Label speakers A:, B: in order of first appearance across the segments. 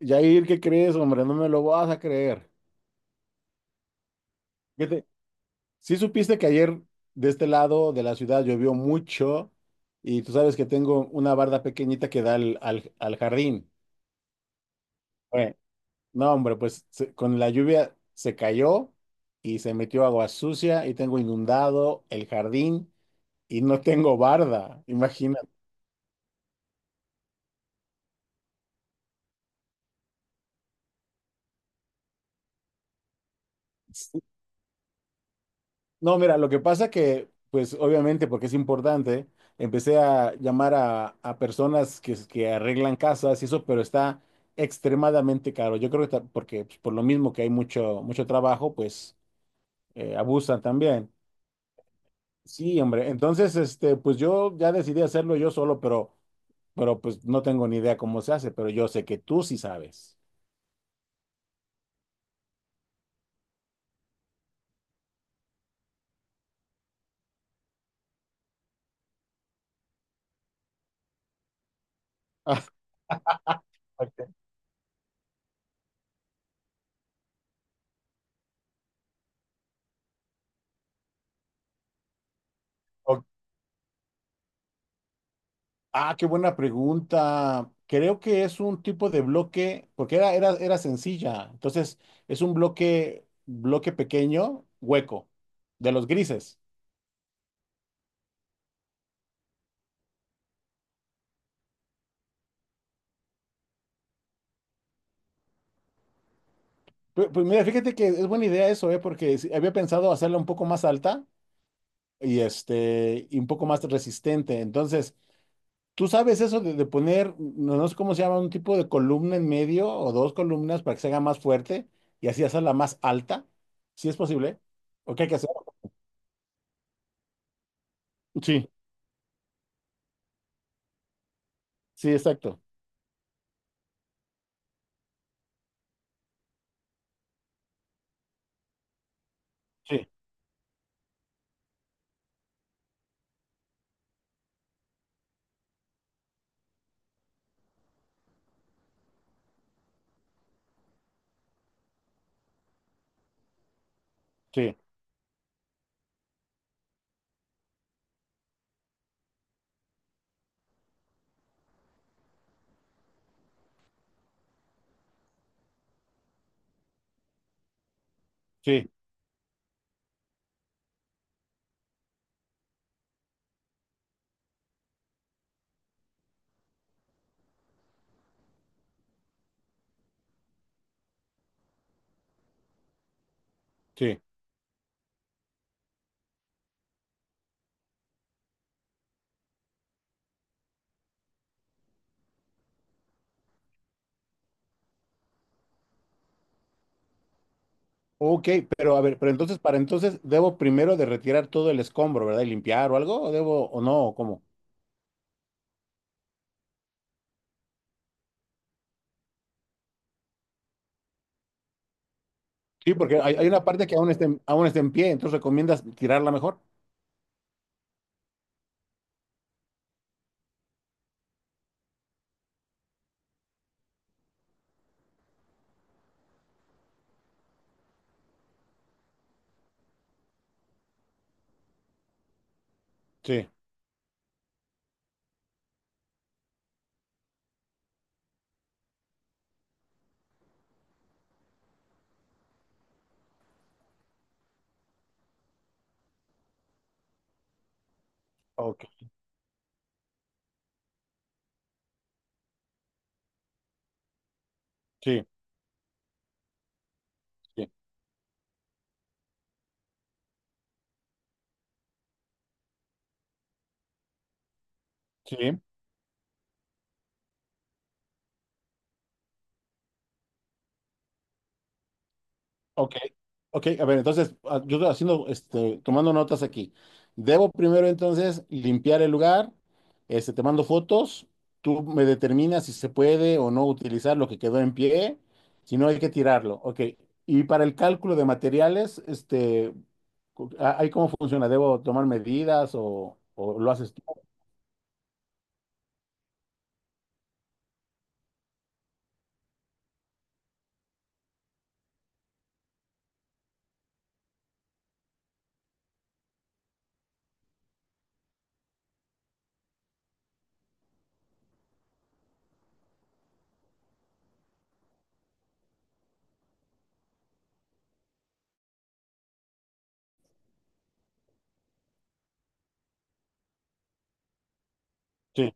A: Jair, ¿qué crees, hombre? No me lo vas a creer. Fíjate, sí supiste que ayer de este lado de la ciudad llovió mucho y tú sabes que tengo una barda pequeñita que da al jardín. Bueno, no, hombre, pues con la lluvia se cayó y se metió agua sucia y tengo inundado el jardín y no tengo barda, imagínate. No, mira, lo que pasa que, pues obviamente, porque es importante, empecé a llamar a personas que arreglan casas y eso, pero está extremadamente caro. Yo creo que porque pues, por lo mismo que hay mucho, mucho trabajo, pues abusan también. Sí, hombre. Entonces, este, pues yo ya decidí hacerlo yo solo, pero pues no tengo ni idea cómo se hace, pero yo sé que tú sí sabes. Ah, ok. Ah, qué buena pregunta. Creo que es un tipo de bloque, porque era sencilla. Entonces, es un bloque pequeño, hueco, de los grises. Pues, mira, fíjate que es buena idea eso, ¿eh? Porque sí, había pensado hacerla un poco más alta y, este, y un poco más resistente. Entonces, tú sabes eso de poner, no, no sé cómo se llama, un tipo de columna en medio o dos columnas para que se haga más fuerte y así hacerla más alta, si es posible. ¿O qué hay que hacer? Sí, sí, exacto. Sí, sí, sí, sí. Ok, pero a ver, pero entonces, para entonces, ¿debo primero de retirar todo el escombro, ¿verdad? Y limpiar o algo, o debo, o no, o cómo? Sí, porque hay una parte que aún está, aún está en pie, entonces recomiendas tirarla mejor. Sí, ok, sí, sí, sí. Ok, ok, a ver, entonces yo estoy haciendo, este, tomando notas aquí. Debo primero entonces limpiar el lugar, este, te mando fotos, tú me determinas si se puede o no utilizar lo que quedó en pie, si no hay que tirarlo, ok. Y para el cálculo de materiales, este, ¿ahí cómo funciona? ¿Debo tomar medidas o lo haces tú? Sí.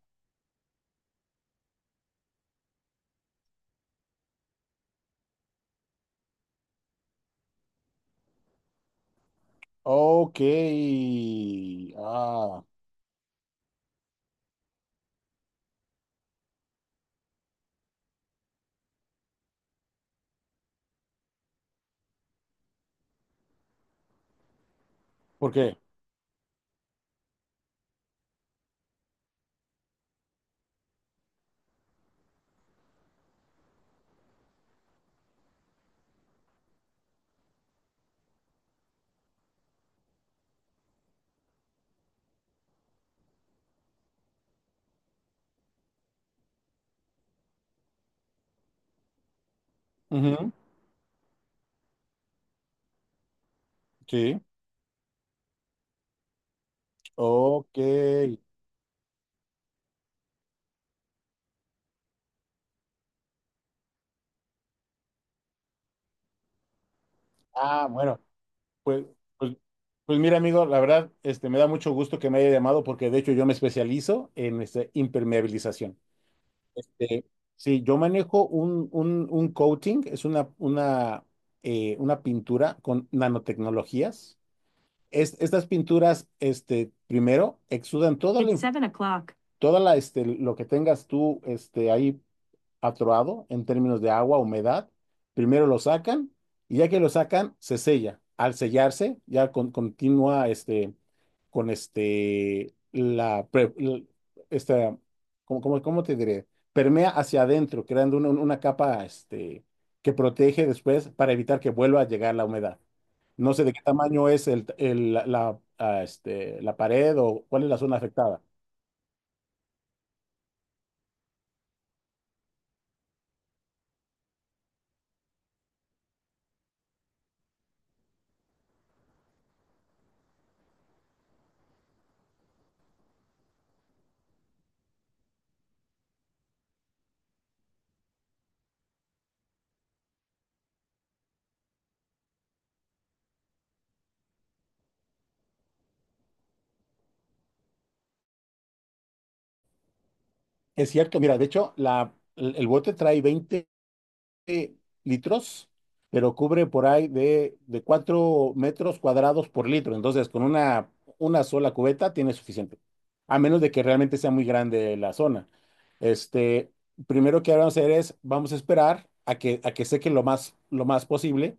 A: Ok, ah, ¿por qué? Ujú, sí, ok. Ah, bueno. Pues, pues, pues mira, amigo, la verdad, este, me da mucho gusto que me haya llamado porque de hecho yo me especializo en este, impermeabilización. Este, sí, yo manejo un, un coating, es una pintura con nanotecnologías. Estas pinturas, este, primero, exudan It's 7 o'clock. Toda la, este, lo que tengas tú, este, ahí atroado en términos de agua, humedad. Primero lo sacan y ya que lo sacan, se sella. Al sellarse, ya continúa este, con este, esta, ¿cómo te diré? Permea hacia adentro, creando una capa este, que protege después para evitar que vuelva a llegar la humedad. No sé de qué tamaño es este, la pared o cuál es la zona afectada. Es cierto, mira, de hecho, el bote trae 20 eh, litros, pero cubre por ahí de 4 metros cuadrados por litro. Entonces, con una sola cubeta tiene suficiente, a menos de que realmente sea muy grande la zona. Este, primero que vamos a hacer es, vamos a esperar a que seque lo más posible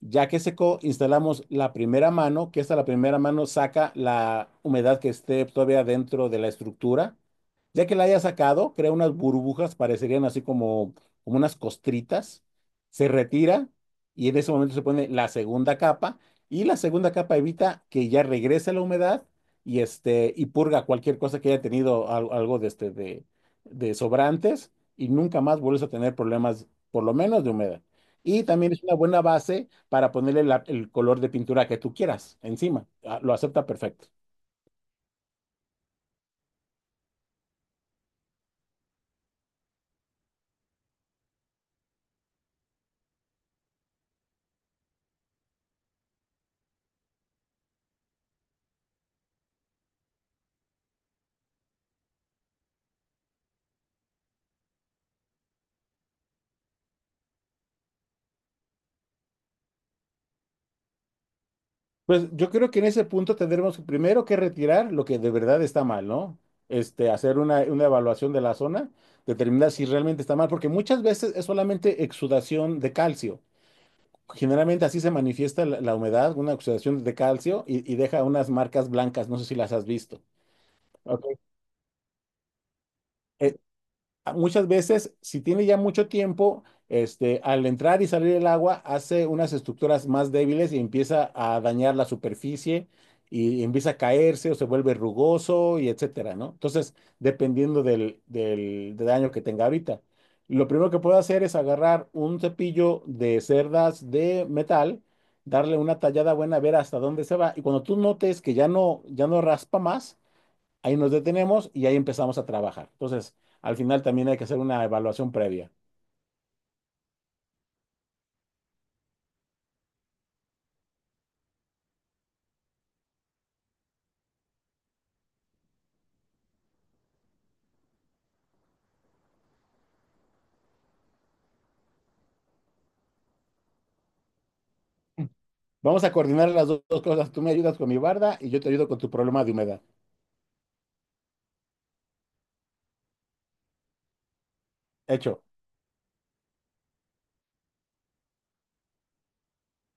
A: ya que secó, instalamos la primera mano, que esta la primera mano saca la humedad que esté todavía dentro de la estructura. Ya que la haya sacado, crea unas burbujas, parecerían así como unas costritas. Se retira y en ese momento se pone la segunda capa y la segunda capa evita que ya regrese la humedad y, este, purga cualquier cosa que haya tenido algo de sobrantes y nunca más vuelves a tener problemas, por lo menos de humedad. Y también es una buena base para ponerle el color de pintura que tú quieras encima. Ah, lo acepta perfecto. Pues yo creo que en ese punto tendremos primero que retirar lo que de verdad está mal, ¿no? Este, hacer una evaluación de la zona, determinar si realmente está mal, porque muchas veces es solamente exudación de calcio. Generalmente así se manifiesta la humedad, una exudación de calcio y deja unas marcas blancas, no sé si las has visto. Ok. Eh, Muchas veces, si tiene ya mucho tiempo, este, al entrar y salir el agua, hace unas estructuras más débiles y empieza a dañar la superficie y empieza a caerse o se vuelve rugoso y etcétera, ¿no? Entonces, dependiendo del daño que tenga ahorita. Lo primero que puedo hacer es agarrar un cepillo de cerdas de metal, darle una tallada buena, ver hasta dónde se va. Y cuando tú notes que ya no raspa más, ahí nos detenemos y ahí empezamos a trabajar. Entonces, al final también hay que hacer una evaluación previa. Vamos a coordinar las dos cosas. Tú me ayudas con mi barda y yo te ayudo con tu problema de humedad. Hecho.